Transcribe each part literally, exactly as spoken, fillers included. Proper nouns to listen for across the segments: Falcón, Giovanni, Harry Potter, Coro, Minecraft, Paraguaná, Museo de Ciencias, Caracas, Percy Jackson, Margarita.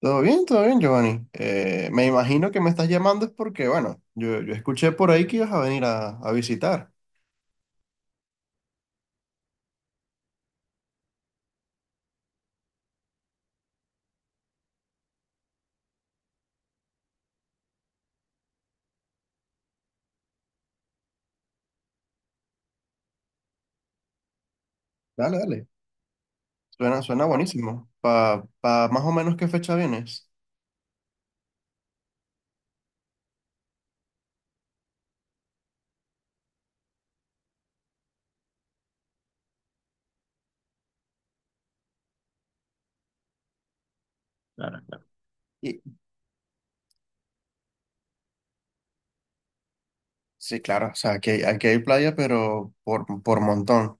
Todo bien, todo bien, Giovanni. Eh, me imagino que me estás llamando es porque, bueno, yo, yo escuché por ahí que ibas a venir a, a visitar. Dale, dale. Suena, suena buenísimo. ¿Pa, pa más o menos qué fecha vienes? Claro, claro. Y, sí, claro, o sea, aquí, hay- aquí hay playa, pero por, por montón.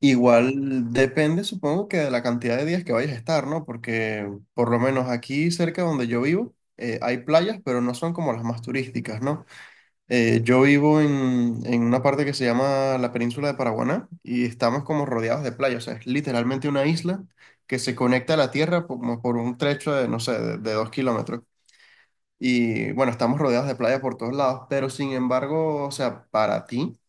Igual depende, supongo que de la cantidad de días que vayas a estar, ¿no? Porque por lo menos aquí cerca donde yo vivo, eh, hay playas, pero no son como las más turísticas, ¿no? Eh, yo vivo en, en una parte que se llama la península de Paraguaná y estamos como rodeados de playa, o sea, es literalmente una isla que se conecta a la tierra por- como por un trecho de, no sé, de, de dos kilómetros. Y bueno, estamos rodeados de playa por todos lados, pero sin embargo, o sea, para ti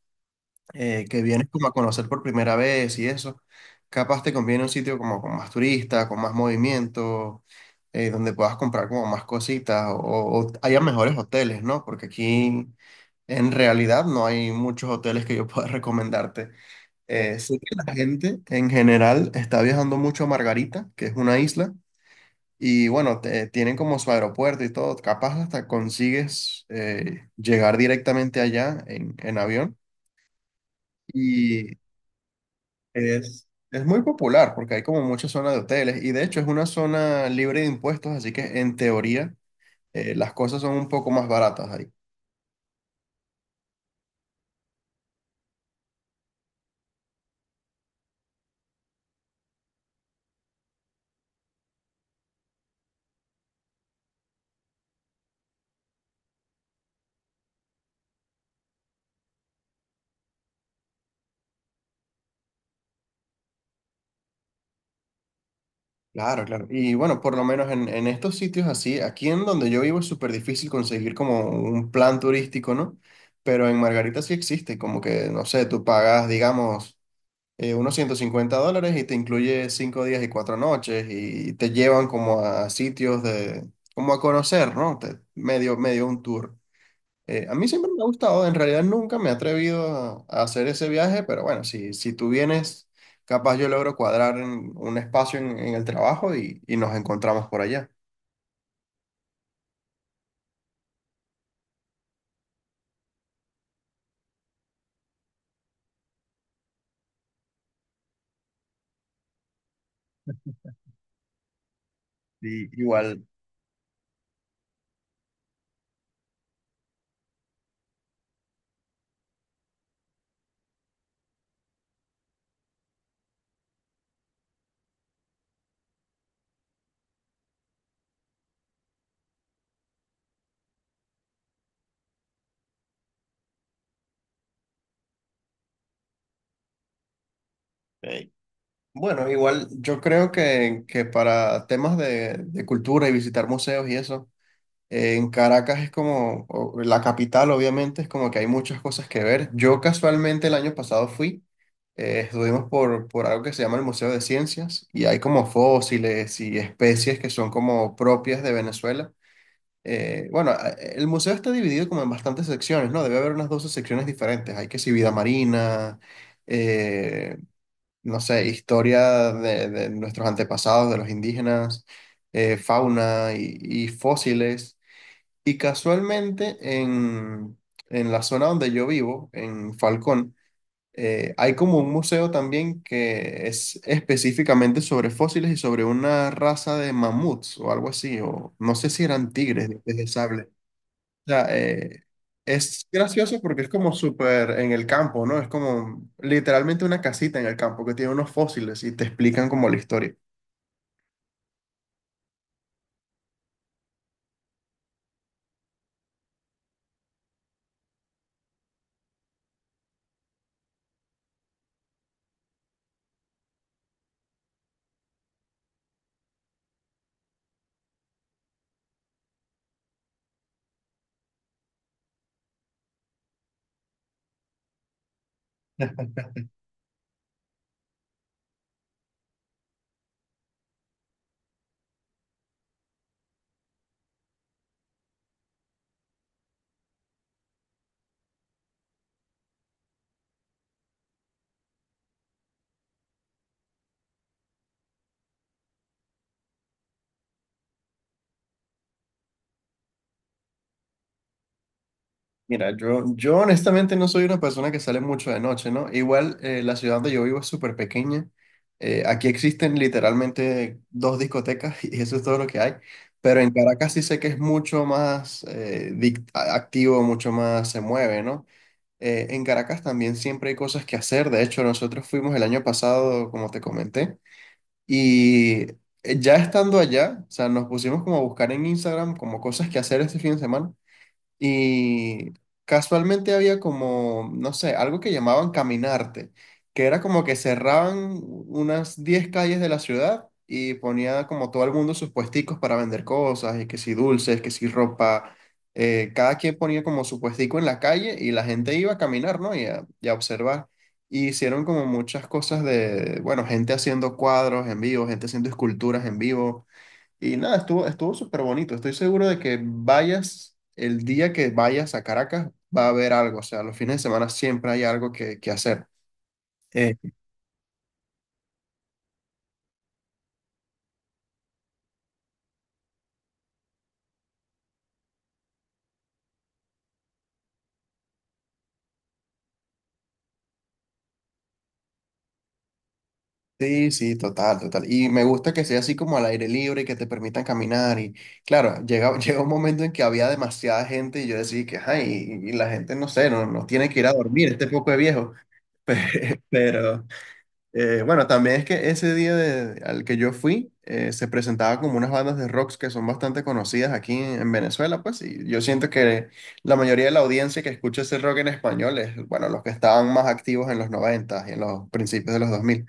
eh, que vienes como a conocer por primera vez y eso, capaz te conviene un sitio como con más turistas, con más movimiento, eh, donde puedas comprar como más cositas o, o haya mejores hoteles, ¿no? Porque aquí en realidad no hay muchos hoteles que yo pueda recomendarte. Eh, sé que la gente en general está viajando mucho a Margarita, que es una isla, y bueno, te- tienen como su aeropuerto y todo, capaz hasta consigues eh, llegar directamente allá en en avión. Y es, es muy popular porque hay como muchas zonas de hoteles y de hecho es una zona libre de impuestos, así que en teoría eh, las cosas son un poco más baratas ahí. Claro, claro. Y bueno, por lo menos en, en estos sitios así, aquí en donde yo vivo es súper difícil conseguir como un plan turístico, ¿no? Pero en Margarita sí existe, como que, no sé, tú pagas, digamos, eh, unos ciento cincuenta dólares y te incluye cinco días y cuatro noches y te llevan como a sitios de, como a conocer, ¿no? Te- medio, medio un tour. Eh, a mí siempre me ha gustado, en realidad nunca me he atrevido a, a hacer ese viaje, pero bueno, si, si tú vienes, capaz yo logro cuadrar en un espacio en, en el trabajo y, y nos encontramos por allá. Y igual, eh, bueno, igual yo creo que, que para temas de, de cultura y visitar museos y eso, Eh, En Caracas es como, o- la capital obviamente es como que hay muchas cosas que ver. Yo casualmente el año pasado fui, eh, estuvimos por, por algo que se llama el Museo de Ciencias y hay como fósiles y especies que son como propias de Venezuela. Eh, bueno, a- el museo está dividido como en bastantes secciones, ¿no? Debe haber unas doce secciones diferentes. Hay que si vida marina, eh, no sé, historia de, de nuestros antepasados, de los indígenas, eh, fauna y y fósiles. Y casualmente en, en la zona donde yo vivo, en Falcón, eh, hay como un museo también que es específicamente sobre fósiles y sobre una raza de mamuts o algo así, o no sé si eran tigres, dientes de sable. O sea, eh, es gracioso porque es como súper en el campo, ¿no? Es como literalmente una casita en el campo que tiene unos fósiles y te explican como la historia. Mira, yo, yo honestamente no soy una persona que sale mucho de noche, ¿no? Igual eh, la ciudad donde yo vivo es súper pequeña. Eh, aquí existen literalmente dos discotecas y eso es todo lo que hay. Pero en Caracas sí sé que es mucho más eh, dic- a- activo, mucho más se mueve, ¿no? Eh, en Caracas también siempre hay cosas que hacer. De hecho, nosotros fuimos el año pasado, como te comenté, y eh, ya estando allá, o sea, nos pusimos como a buscar en Instagram como cosas que hacer este fin de semana. Y casualmente había como, no sé, algo que llamaban caminarte, que era como que cerraban unas diez calles de la ciudad y ponía como todo el mundo sus puesticos para vender cosas, y que si dulces, que si ropa, eh, cada quien ponía como su puestico en la calle y la gente iba a caminar, ¿no? Y a, y a observar. Y hicieron como muchas cosas de, bueno, gente haciendo cuadros en vivo, gente haciendo esculturas en vivo y nada, estuvo, estuvo súper bonito. Estoy seguro de que vayas, el día que vayas a Caracas, va a haber algo. O sea, los fines de semana siempre hay algo que, que hacer. Eh, sí, sí, total, total. Y me gusta que sea así como al aire libre y que te permitan caminar. Y claro, llega, llega un momento en que había demasiada gente y yo decía que, ay, y, y la gente, no sé, no, no tiene que ir a dormir, este poco de viejo. Pero, Eh, bueno, también es que ese día de- al que yo fui, eh, se presentaba como unas bandas de rocks que son bastante conocidas aquí en, en Venezuela, pues, y yo siento que la mayoría de la audiencia que escucha ese rock en español es, bueno, los que estaban más activos en los noventa y en los principios de los dos mil.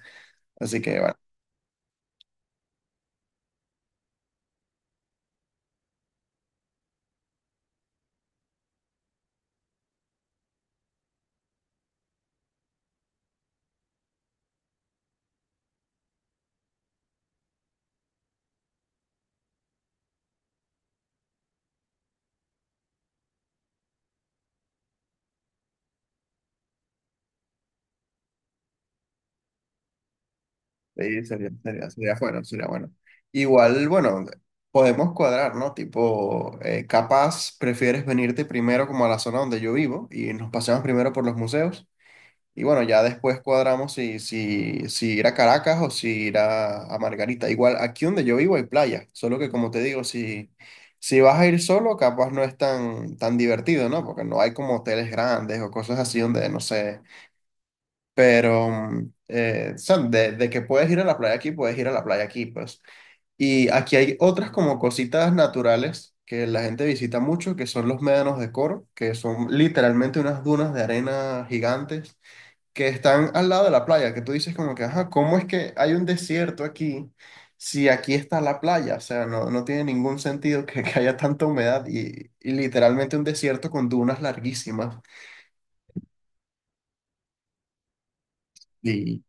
Así que, bueno, sí, sería, sería, sería bueno, sería bueno. Igual, bueno, podemos cuadrar, ¿no? Tipo, eh, capaz prefieres venirte primero como a la zona donde yo vivo y nos paseamos primero por los museos. Y bueno, ya después cuadramos si, si, si ir a Caracas o si ir a, a Margarita. Igual aquí donde yo vivo hay playa, solo que como te digo, si, si vas a ir solo, capaz no es tan, tan divertido, ¿no? Porque no hay como hoteles grandes o cosas así donde, no sé, pero, mm, eh, o sea, de, de que puedes ir a la playa aquí, puedes ir a la playa aquí, pues. Y aquí hay otras como cositas naturales que la gente visita mucho, que son los médanos de Coro, que son literalmente unas dunas de arena gigantes que están al lado de la playa, que tú dices como que, ajá, ¿cómo es que hay un desierto aquí si aquí está la playa? O sea, no, no tiene ningún sentido que, que haya tanta humedad y, y literalmente un desierto con dunas larguísimas. Y,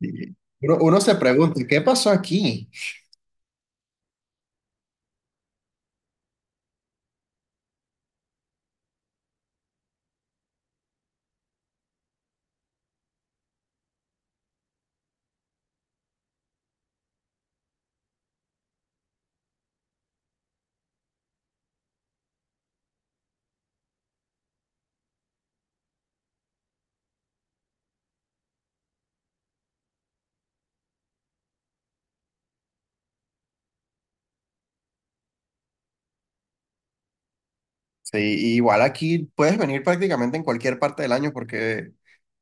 y uno, uno se pregunta, ¿qué pasó aquí? Sí, y igual aquí puedes venir prácticamente en cualquier parte del año porque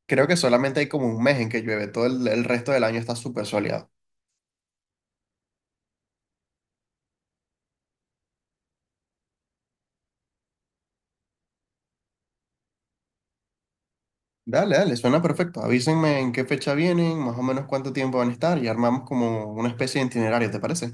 creo que solamente hay como un mes en que llueve, todo el, el resto del año está súper soleado. Dale, dale, suena perfecto. Avísenme en qué fecha vienen, más o menos cuánto tiempo van a estar y armamos como una especie de itinerario, ¿te parece?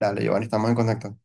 Dale, Giovanni, estamos en contacto.